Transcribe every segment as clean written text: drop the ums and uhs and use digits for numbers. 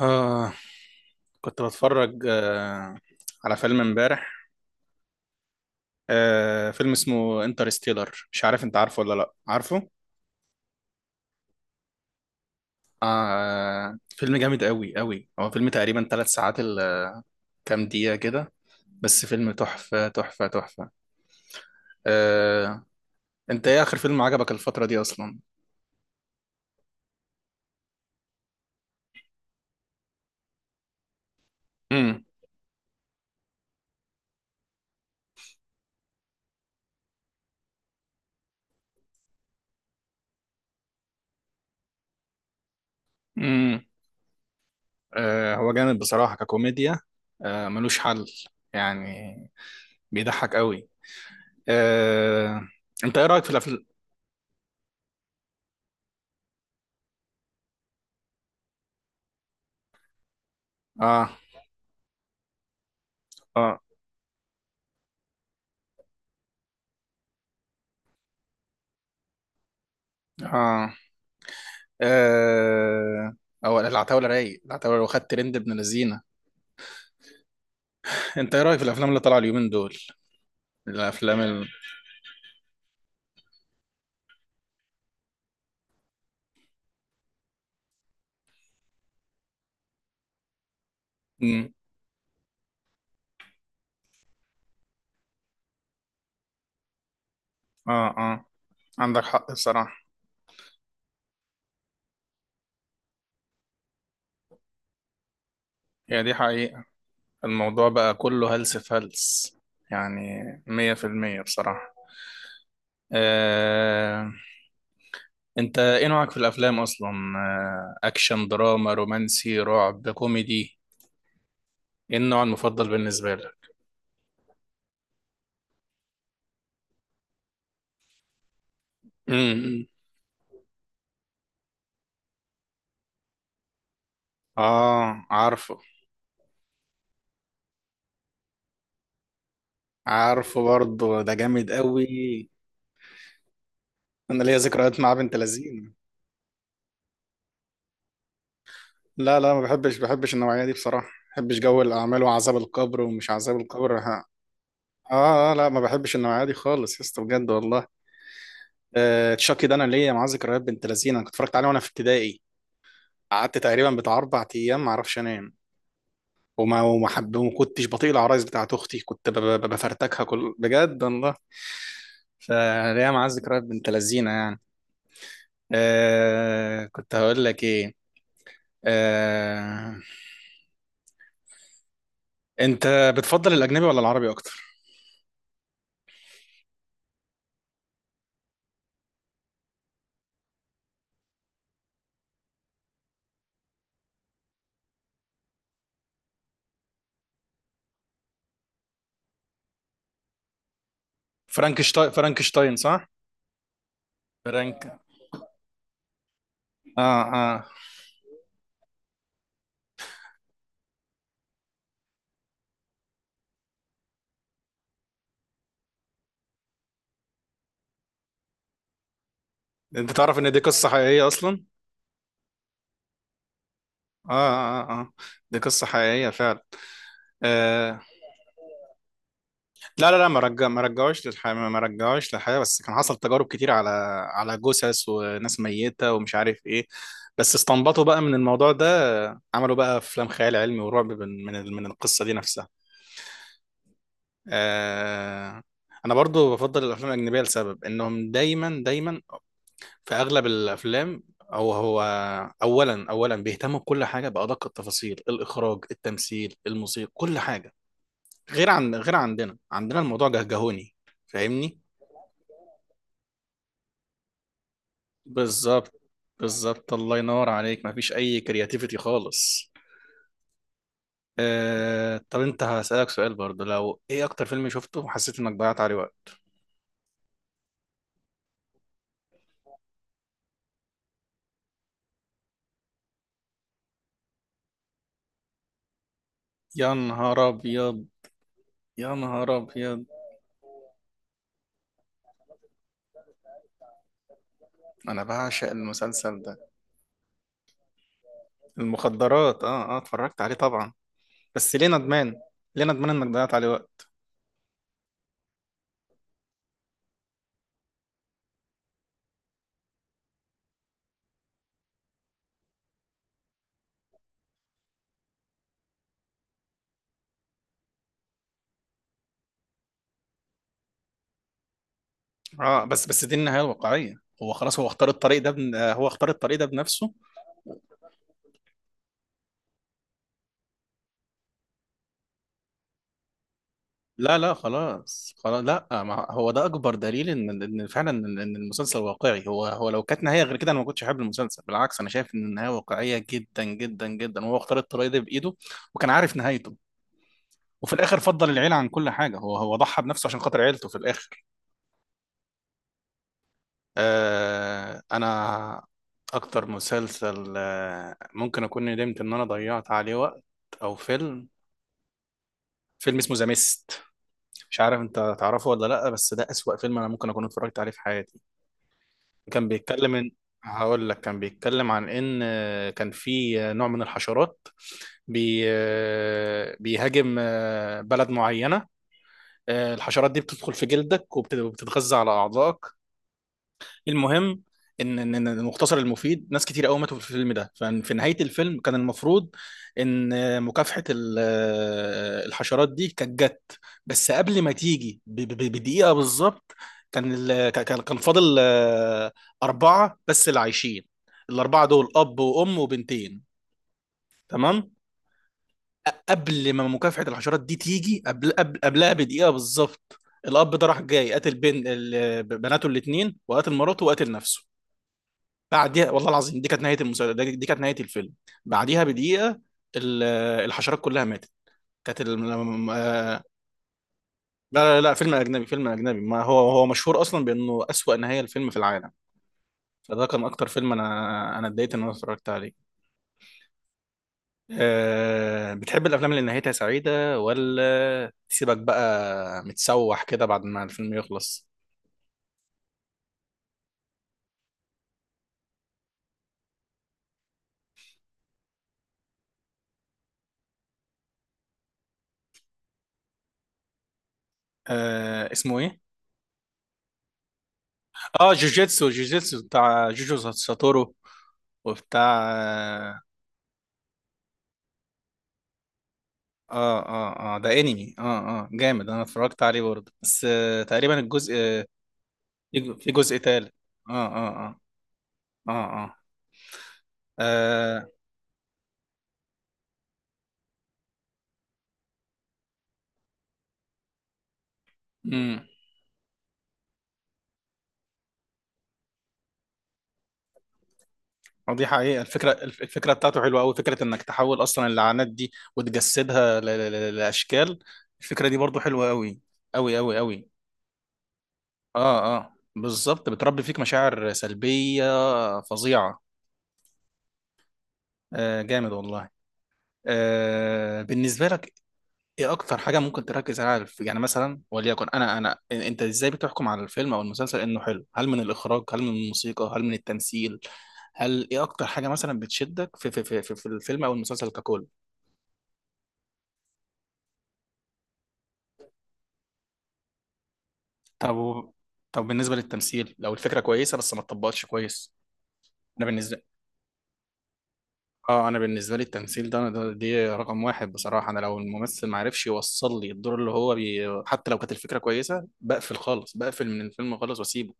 آه كنت بتفرج على فيلم امبارح. فيلم اسمه انترستيلر، مش عارف انت عارفه ولا لا، عارفه؟ فيلم جامد، قوي قوي. هو فيلم تقريبا 3 ساعات كام دقيقة كده، بس فيلم تحفة تحفة تحفة. آه انت ايه اخر فيلم عجبك الفترة دي اصلا؟ امم امم هو جامد بصراحة ككوميديا. ملوش حل يعني، بيضحك قوي. آه انت ايه رأيك في الافلام؟ اه، اه، اه، آه، او العتاوله رايق، العتاوله لو خدت ترند ابن لذينه. انت ايه رايك في الافلام اللي طالعه اليومين دول؟ الافلام مم. اه، اه، عندك حق الصراحه. هي دي حقيقه، الموضوع بقى كله هلس في هلس، يعني 100% بصراحه. آه، انت ايه نوعك في الافلام اصلا؟ اكشن، دراما، رومانسي، رعب، كوميدي، ايه النوع المفضل بالنسبه لك؟ امم اه، عارفه. عارفه برضه، ده جامد قوي. انا ليا ذكريات مع بنت لذين. لا، لا، ما بحبش النوعيه دي بصراحه، ما بحبش جو الاعمال وعذاب القبر ومش عذاب القبر، ها. اه، اه، لا ما بحبش النوعيه دي خالص يا اسطى، بجد والله. تشاكي ده، انا ليا معاه ذكريات بنت لذين. انا كنت اتفرجت عليه وانا في ابتدائي، قعدت تقريبا بتاع 4 ايام ما اعرفش انام، وما حب، وما كنتش بطيق العرايس بتاعت اختي، كنت بفرتكها كل، بجد والله. فليا معاه ذكريات بنت لذينه يعني. كنت هقول لك ايه. آه انت بتفضل الاجنبي ولا العربي اكتر؟ فرانكشتاين، فرانكشتاين، صح؟ فرانك. اه، اه، انت تعرف ان دي قصة حقيقية اصلا؟ اه، اه، اه، دي قصة حقيقية فعلا. آه. لا، لا، لا، ما رجعوش للحياة، ما رجعوش للحياة، بس كان حصل تجارب كتير على على جثث وناس ميتة ومش عارف ايه. بس استنبطوا بقى من الموضوع ده. عملوا بقى افلام خيال علمي ورعب من من القصة دي نفسها. آه. انا برضو بفضل الافلام الاجنبية لسبب انهم دايما دايما، في اغلب الافلام، هو اولا بيهتموا بكل حاجه، بادق التفاصيل، الاخراج، التمثيل، الموسيقى، كل حاجه. غير عندنا الموضوع جهجهوني، فاهمني؟ بالظبط، بالظبط، الله ينور عليك، مفيش اي كرياتيفيتي خالص. طب انت هسألك سؤال برضه، لو ايه اكتر فيلم شفته وحسيت انك ضيعت عليه وقت؟ يا نهار ابيض، يا نهار ابيض! انا بعشق المسلسل ده. المخدرات، اه، اه، اتفرجت عليه طبعا، بس ليه ندمان؟ ليه ندمان انك ضيعت عليه وقت؟ اه، بس دي النهايه الواقعيه. هو خلاص، هو اختار الطريق ده بنفسه. لا، لا، خلاص، خلاص، لا، ما هو ده اكبر دليل ان فعلا إن المسلسل واقعي. هو لو كانت نهايه غير كده انا ما كنتش احب المسلسل. بالعكس، انا شايف ان النهايه واقعيه جدا جدا جدا. هو اختار الطريق ده بايده وكان عارف نهايته. وفي الاخر فضل العيله عن كل حاجه، هو ضحى بنفسه عشان خاطر عيلته في الاخر. انا اكتر مسلسل ممكن اكون ندمت ان انا ضيعت عليه وقت، او فيلم. فيلم اسمه ذا ميست، مش عارف انت تعرفه ولا لا، بس ده اسوأ فيلم انا ممكن اكون اتفرجت عليه في حياتي. كان بيتكلم ان، هقول لك، كان بيتكلم عن ان كان في نوع من الحشرات، بي آه، بيهاجم بلد معينة. الحشرات دي بتدخل في جلدك وبتتغذى على أعضائك. المهم، ان إن المختصر المفيد ناس كتير قوي ماتوا في الفيلم ده. ففي نهايه الفيلم كان المفروض ان مكافحه الحشرات دي كانت جت، بس قبل ما تيجي بدقيقه بالظبط، كان كان فاضل اربعه بس اللي عايشين. الاربعه دول اب وام وبنتين. تمام. قبل ما مكافحه الحشرات دي تيجي، قبلها بدقيقه بالظبط، الاب ده راح جاي قتل بين بناته الاثنين وقتل مراته وقتل نفسه. بعديها والله العظيم، دي كانت نهايه المسلسل، دي كانت نهايه الفيلم. بعديها بدقيقه ال- الحشرات كلها ماتت. كانت ال... م- آه، لا، لا، لا، فيلم اجنبي، فيلم اجنبي، ما هو مشهور اصلا بانه اسوأ نهايه الفيلم في العالم. فده كان اكتر فيلم انا اتضايقت ان انا اتفرجت عليه. بتحب الافلام اللي نهايتها سعيده ولا تسيبك بقى متسوح كده بعد ما الفيلم يخلص؟ اسمه ايه؟ اه، جوجيتسو، جوجيتسو بتاع جوجو ساتورو وبتاع. اه، اه، اه، ده انمي، اه. اه، جامد. انا اتفرجت عليه برضه، بس تقريبا الجزء في جزء تالت. اه، اه، اه، اه، اه، آه، امم آه، دي حقيقة الفكرة. الفكرة بتاعته حلوة قوي، فكرة انك تحول اصلا اللعنات دي وتجسدها لاشكال. الفكرة دي برضه حلوة، قوي قوي قوي قوي. اه، اه، بالظبط، بتربي فيك مشاعر سلبية فظيعة. جامد والله. بالنسبة لك، ايه اكتر حاجه ممكن تركز عليها في، يعني مثلا وليكن انت ازاي بتحكم على الفيلم او المسلسل انه حلو؟ هل من الاخراج؟ هل من الموسيقى؟ هل من التمثيل؟ هل ايه اكتر حاجه مثلا بتشدك في الفيلم او المسلسل ككل؟ طب طب بالنسبه للتمثيل لو الفكره كويسه بس ما اتطبقتش كويس؟ انا بالنسبه، اه انا بالنسبه لي التمثيل ده، ده رقم واحد بصراحه. انا لو الممثل ما عرفش يوصل لي الدور اللي هو حتى لو كانت الفكره كويسه، بقفل خالص، بقفل من الفيلم خالص واسيبه.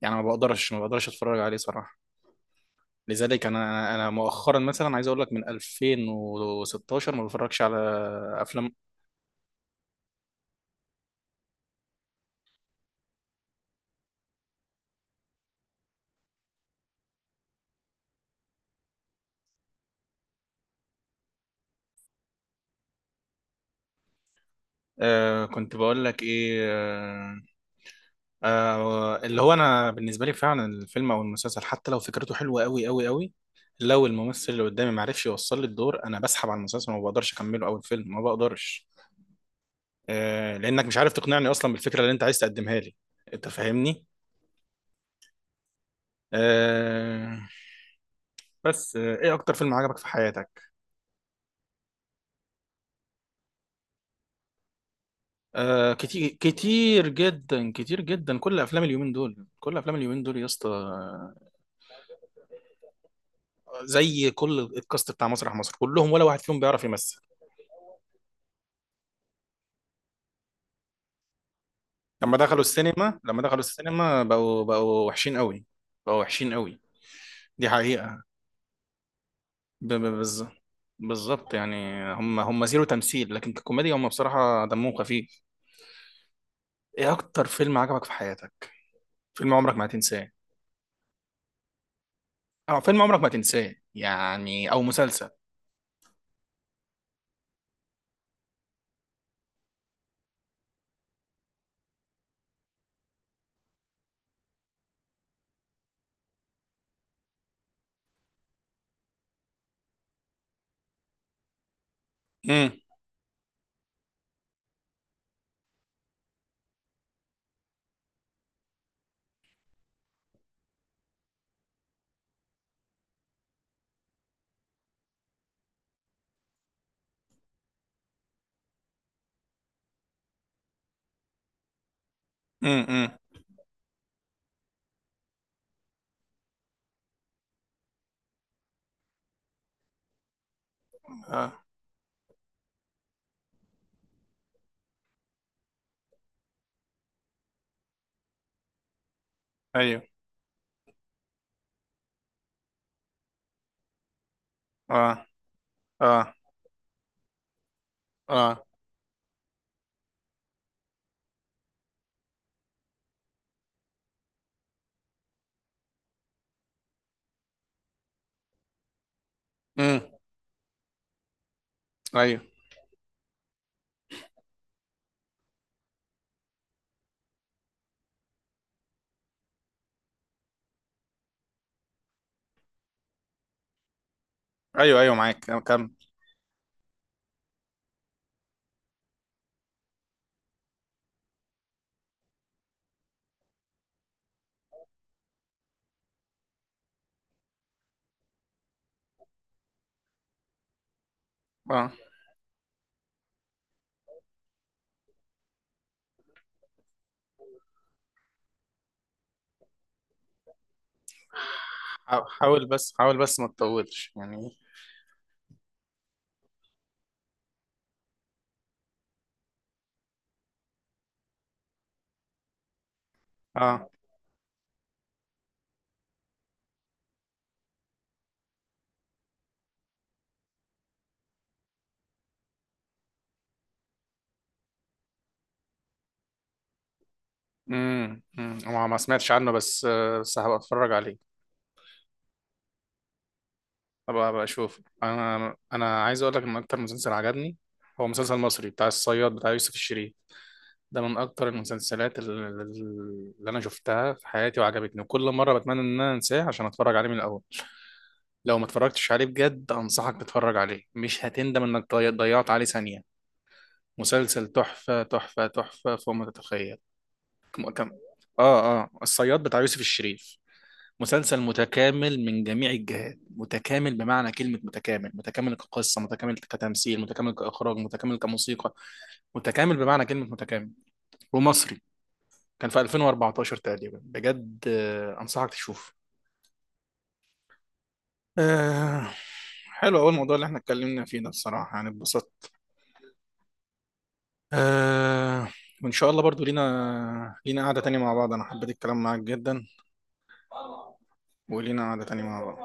يعني ما بقدرش اتفرج عليه صراحه. لذلك انا انا أنا مؤخرا مثلا عايز اقول لك من 2016 ما بتفرجش على افلام. كنت بقول لك ايه. اللي هو انا بالنسبه لي فعلا الفيلم او المسلسل حتى لو فكرته حلوه قوي قوي قوي، لو الممثل اللي قدامي ما عرفش يوصل لي الدور، انا بسحب على المسلسل وما بقدرش اكمله، او الفيلم ما بقدرش. لانك مش عارف تقنعني اصلا بالفكره اللي انت عايز تقدمها لي. انت فاهمني؟ آه بس آه ايه اكتر فيلم عجبك في حياتك؟ كتير، كتير جدا، كتير جدا، كل افلام اليومين دول، كل افلام اليومين دول يا اسطى. زي كل الكاست بتاع مسرح مصر، كلهم ولا واحد فيهم بيعرف يمثل. لما دخلوا السينما، لما دخلوا السينما، بقوا وحشين قوي. بقوا وحشين قوي، دي حقيقة. ب- ب- بالظ- بالظبط يعني. هم زيرو تمثيل، لكن ككوميديا هم بصراحة دمهم خفيف. ايه اكتر فيلم عجبك في حياتك؟ فيلم عمرك ما هتنساه؟ اه، فيلم عمرك ما هتنساه يعني، او مسلسل. امم امم امم اه، ايوه، اه، اه، اه. امم ايوه، ايوه، ايوه، معاك أنا، كمل. اه، حاول بس، حاول بس، ما تطولش يعني. اه. ما سمعتش عنه، بس بس هبقى اتفرج عليه. هبقى اشوف. انا عايز اقول لك ان اكتر مسلسل عجبني هو مسلسل مصري بتاع الصياد بتاع يوسف الشريف. ده من اكتر المسلسلات اللي انا شفتها في حياتي وعجبتني، وكل مره بتمنى ان انا انساه عشان اتفرج عليه من الاول. لو ما اتفرجتش عليه، بجد انصحك تتفرج عليه، مش هتندم انك ضيعت عليه ثانيه. مسلسل تحفة تحفة تحفة فوق ما تتخيل. كم كم اه، اه، الصياد بتاع يوسف الشريف، مسلسل متكامل من جميع الجهات، متكامل بمعنى كلمة متكامل، متكامل كقصة، متكامل كتمثيل، متكامل كإخراج، متكامل كموسيقى، متكامل بمعنى كلمة متكامل. ومصري، كان في 2014 تقريبا، بجد أنصحك تشوف. آه حلو، أول موضوع اللي احنا اتكلمنا فيه ده الصراحة يعني اتبسطت. آه وإن شاء الله برضو لينا، قعدة تانية مع بعض. أنا حبيت الكلام معاك جدا، ولينا قعدة تانية مع بعض.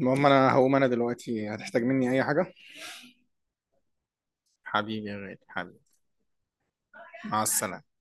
المهم، أنا هقوم، أنا دلوقتي هتحتاج مني أي حاجة؟ حبيبي يا غالي، حبيبي. مع السلامة.